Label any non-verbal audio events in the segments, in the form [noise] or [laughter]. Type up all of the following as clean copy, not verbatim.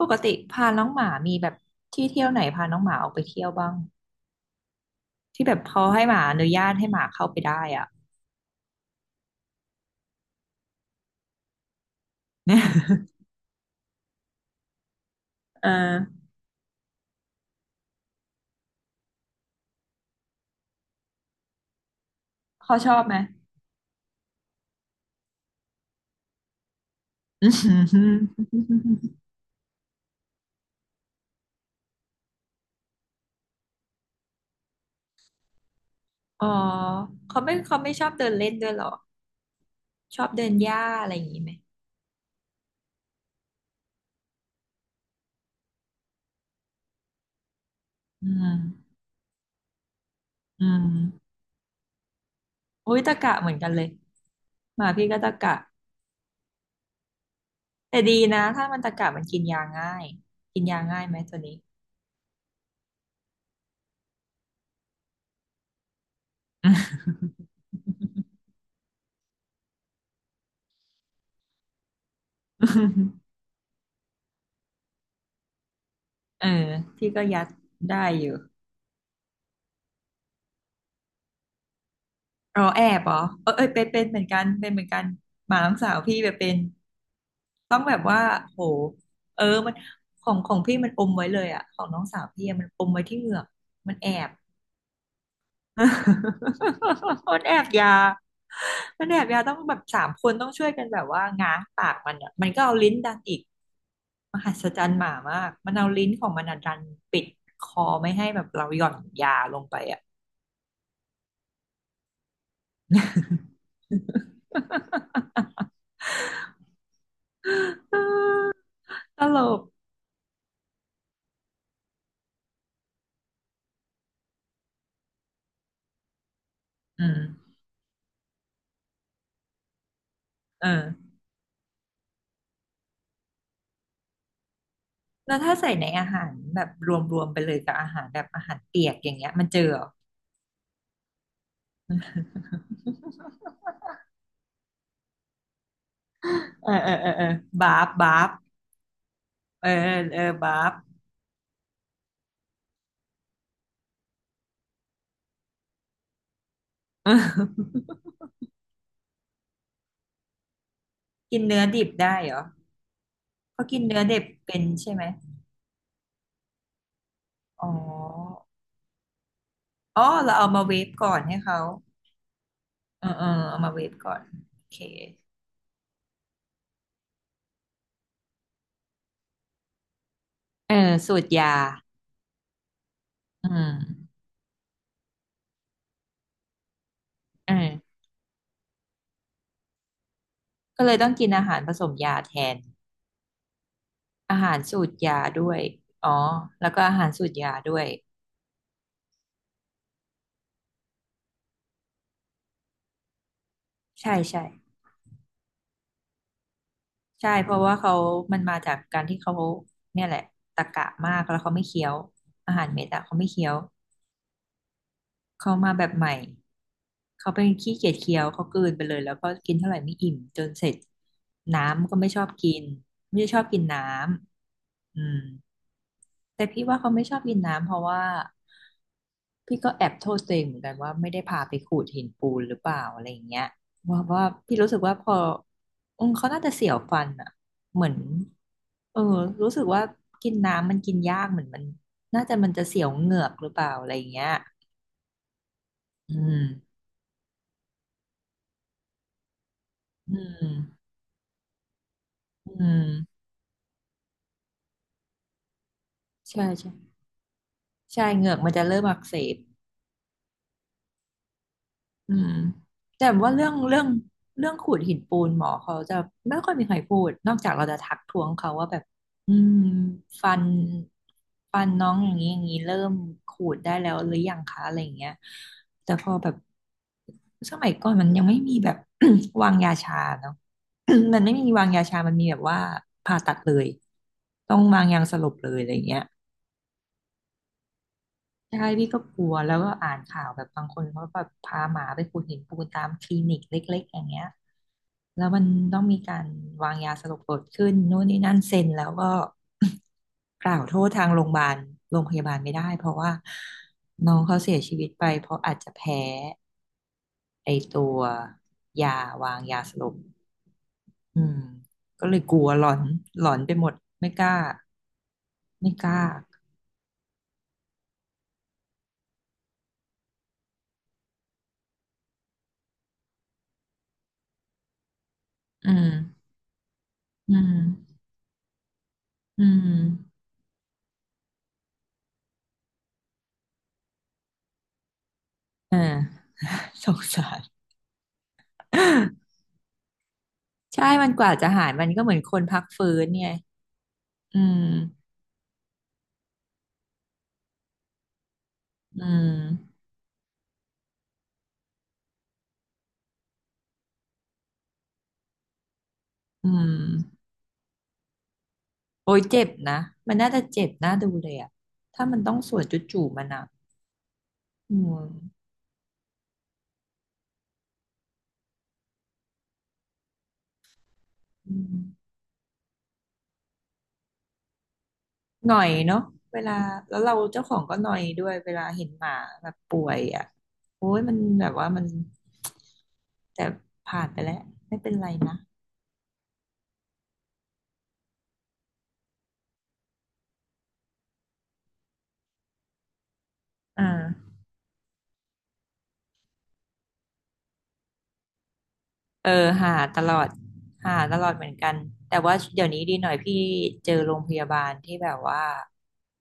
ปกติพาน้องหมามีแบบที่เที่ยวไหนพาน้องหมาออกไปเที่ยวบ้างที่แบบพอให้หมาอนุญาตให้หมาเข้าไปได้อ่ะ [laughs] เออเขาชอบไหม [laughs] อ๋อเขาไม่ชอบเดินเล่นด้วยเหรอชอบเดินหญ้าอะไรอย่างนี้ไหมอืมอืมอุ้ยตะกะเหมือนกันเลยหมาพี่ก็ตะกะแต่ดีนะถ้ามันตะกะมันกินยาง่ายกินยาง่ายไหมตัวนี้ [laughs] เออพี่ก็ยัดได้อยู่ อ๋อแอบเหรอเออเอยเป็นเหมือนกันเป็นเหมือนกันหมาน้องสาวพี่แบบเป็นต้องแบบว่าโหเออมันของพี่มันอมไว้เลยอะของน้องสาวพี่อะมันอมไว้ที่เหงือกมันแอบ [laughs] มันแอบยามันแอบยาต้องแบบสามคนต้องช่วยกันแบบว่าง้างปากมันอะมันก็เอาลิ้นดันอีกมหัศจรรย์หมามากมันเอาลิ้นของมันอะดันปิดคอไม่ให้แบบเราหย่อนยาลงไปอะ [laughs] ตลก อืมเออแล้วถ้าใส่ในอาหารแบบรวมๆไปเลยกับอาหารแบบอาหารเปียกอย่างเงี้ยมันเจอเหรอเออบาฟบาฟเออบาฟ [laughs] เอกินเนื้อดิบได้เหรอเขากินเนื้อดิบเป็นใช่ไหมอ๋ออ๋อเราเอามาเวฟก่อนให้เขาเออเอามาเวฟก่อนโอเคเออสูตรยาอืมเออก็เลยต้องกินอาหารผสมยาแทนอาหารสูตรยาด้วยอ๋อแล้วก็อาหารสูตรยาด้วยใช่ ใช่เพราะว่าเขามันมาจากการที่เขาเนี่ยแหละตะกะมากแล้วเขาไม่เคี้ยวอาหารเม็ดอะเขาไม่เคี้ยวเขามาแบบใหม่เขาเป็นขี้เกียจเคี้ยวเขากลืนไปเลยแล้วก็กินเท่าไหร่ไม่อิ่มจนเสร็จน้ำก็ไม่ชอบกินไม่ได้ชอบกินน้ำอืม แต่พี่ว่าเขาไม่ชอบกินน้ำเพราะว่าพี่ก็แอบโทษตัวเองเหมือนกันว่าไม่ได้พาไปขูดหินปูนหรือเปล่าอะไรอย่างเงี้ยว่าว่าพี่รู้สึกว่าพออืมเขาน่าจะเสียวฟันอ่ะเหมือนเออรู้สึกว่ากินน้ำมันกินยากเหมือนมันน่าจะมันจะเสียวเหงือกหรือเปล่าอะไรอย่างเงี้ยอืมอืมอืมใช่ใช่เหงือกมันจะเริ่มอักเสบ อืมแต่ว่าเรื่องขูดหินปูนหมอเขาจะไม่ค่อยมีใครพูดนอกจากเราจะทักท้วงเขาว่าแบบอืมฟันฟันน้องอย่างนี้อย่างนี้เริ่มขูดได้แล้วหรือยังคะอะไรอย่างเงี้ยแต่พอแบบสมัยก่อนมันยังไม่มีแบบ [coughs] วางยาชาเนาะ [coughs] มันไม่มีวางยาชามันมีแบบว่าผ่าตัดเลยต้องวางยาสลบเลยอะไรอย่างเงี้ย ใช่พี่ก็กลัวแล้วก็อ่านข่าวแบบบางคนเขาแบบพาหมาไปขูดหินปูนตามคลินิกเล็กๆอย่างเงี้ยแล้วมันต้องมีการวางยาสลบเกิดขึ้นนู่นนี่นั่นเซ็นแล้วก็ [coughs] กล่าวโทษทางโรงพยาบาลโรงพยาบาลไม่ได้เพราะว่าน้องเขาเสียชีวิตไปเพราะอาจจะแพ้ไอตัวยาวางยาสลบอืมก็เลยกลัวหลอนหลอนไปหมดไม่กล้าไม่กล้าอืมอืมอืมเออ [laughs] สงสาร [laughs] ใช่มันกว่าจะหายมันก็เหมือนคนพักฟื้นไงอืมอืมอืมโอ้ยเจ็บนะมันน่าจะเจ็บน่าดูเลยอะถ้ามันต้องสวนจู่ๆมันอะอืมอืมหน่อยเนาะเวลาแล้วเราเจ้าของก็หน่อยด้วยเวลาเห็นหมาแบบป่วยอะโอ้ยมันแบบว่ามันแต่ผ่านไปแล้วไม่เป็นไรนะอ่า เออหาตลอดหาตลอดเหมือนกันแต่ว่าเดี๋ยวนี้ดีหน่อยพี่เจอโรงพยาบาลที่แบบว่า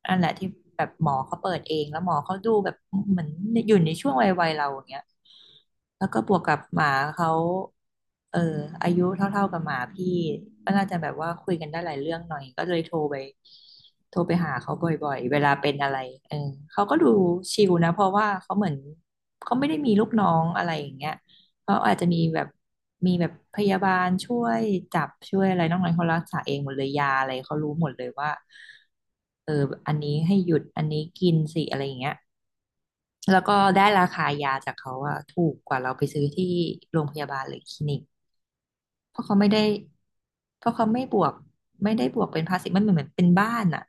นั่นแหละที่แบบหมอเขาเปิดเองแล้วหมอเขาดูแบบเหมือนอยู่ในช่วงวัยเราอย่างเงี้ยแล้วก็บวกกับหมาเขาเอออายุเท่าๆกับหมาพี่ก็น่าจะแบบว่าคุยกันได้หลายเรื่องหน่อยก็เลยโทรไปโทรไปหาเขาบ่อยๆเวลาเป็นอะไรเออเขาก็ดูชิลนะเพราะว่าเขาเหมือนเขาไม่ได้มีลูกน้องอะไรอย่างเงี้ย เขาอาจจะมีแบบพยาบาลช่วยจับช่วยอะไรนอกนั้นเขารักษาเองหมดเลยยาอะไรเขารู้หมดเลยว่าเอออันนี้ให้หยุด อันนี้กินสิอะไรอย่างเงี้ยแล้วก็ได้ราคายาจากเขาอะถูกกว่าเราไปซื้อที่โรงพยาบาลหรือคลินิก เพราะเขาไม่ได้เพราะเขาไม่บวกไม่ได้บวกเป็นภาษีมันเหมือนเหมือนเป็นบ้านอ่ะ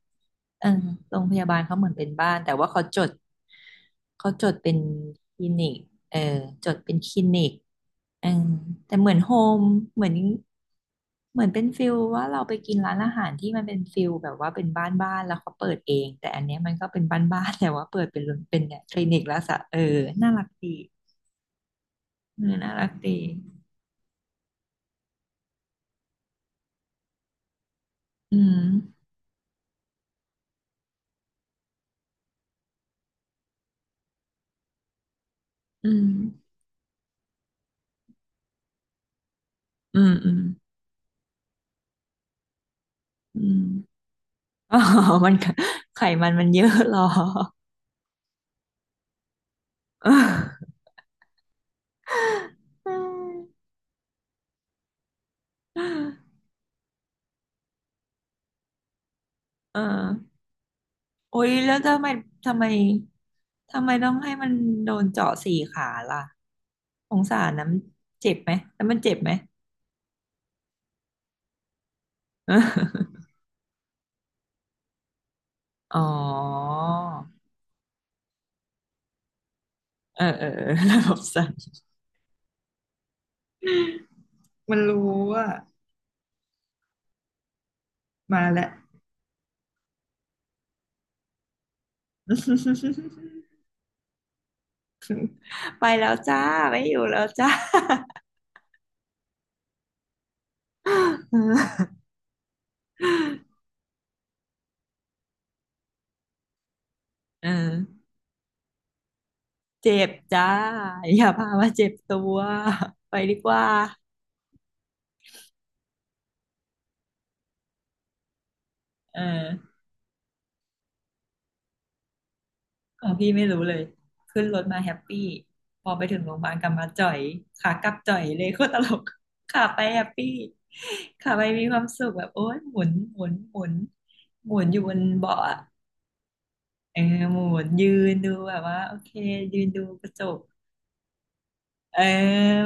เออโรงพยาบาลเขาเหมือนเป็นบ้านแต่ว่าเขาจดเป็นคลินิกเออจดเป็นคลินิกเออแต่เหมือนโฮมเหมือนเหมือนเป็นฟิลว่าเราไปกินร้านอาหารที่มันเป็นฟิลแบบว่าเป็นบ้านบ้านแล้วเขาเปิดเองแต่อันเนี้ยมันก็เป็นบ้านบ้านแต่ว่าเปิดเป็นเป็นเนี่ยคลินิกแล้วสะเออน่ารักดีเออน่ารักดีอืมอืมอืมอืม อืม [laughs] อ๋อมันก็ไขมันมันเยอะเหรอ [laughs] เออเออโอ้ยแล้วทำไม ทำไม ทำไมต้องให้มันโดนเจาะสี่ขาล่ะสงสารนะมันเจ็บไหมแล้วมันเจ็บไหมเออ [laughs] อ๋อ เออระบบสั่นมันละ [laughs] ไปแล้วจ้า ไม่อยู่แล้วจ้า [laughs] เออ เจ็บจ้าอย่าพามาเจ็บตัวไปดีกว่าเออของพี่ไม่รู้เลยขึ้นรถมาแฮปปี้พอไปถึงโรงพยาบาลกลับมาจ่อยขากลับจ่อยเลยโคตรตลกขาไปแฮปปี้ขาไปมีความสุขแบบโอ๊ยหมุนหมุนหมุนหมุนอยู่บนเบาะอะเออหมุนยืนดูแบบว่าโอเคยืนดูกระจกเออ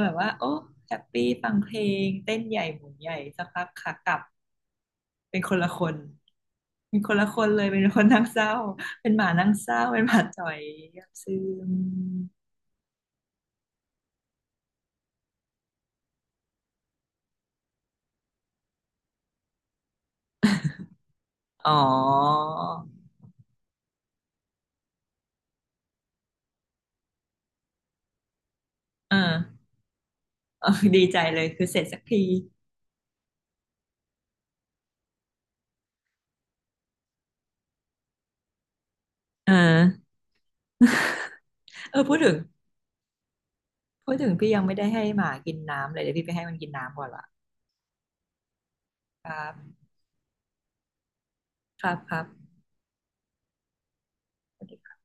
แบบว่าโอ้แฮปปี้ฟังเพลงเต้นใหญ่หมุนใหญ่สักพักขากลับ เป็นคนละคนเลย เป็นคนนั่งเศร้า เป็นหมานั่งเศร้า เป็นหมาจ่อยเงียบซึมอ๋อเออเออดีใจเลยคือเสร็จสักทีเออเออพูดถึงพี่ยังไม่ได้ให้หมากินน้ำเลยเดี๋ยวพี่ไปให้มันกินน้ำก่อนละ ครับครับ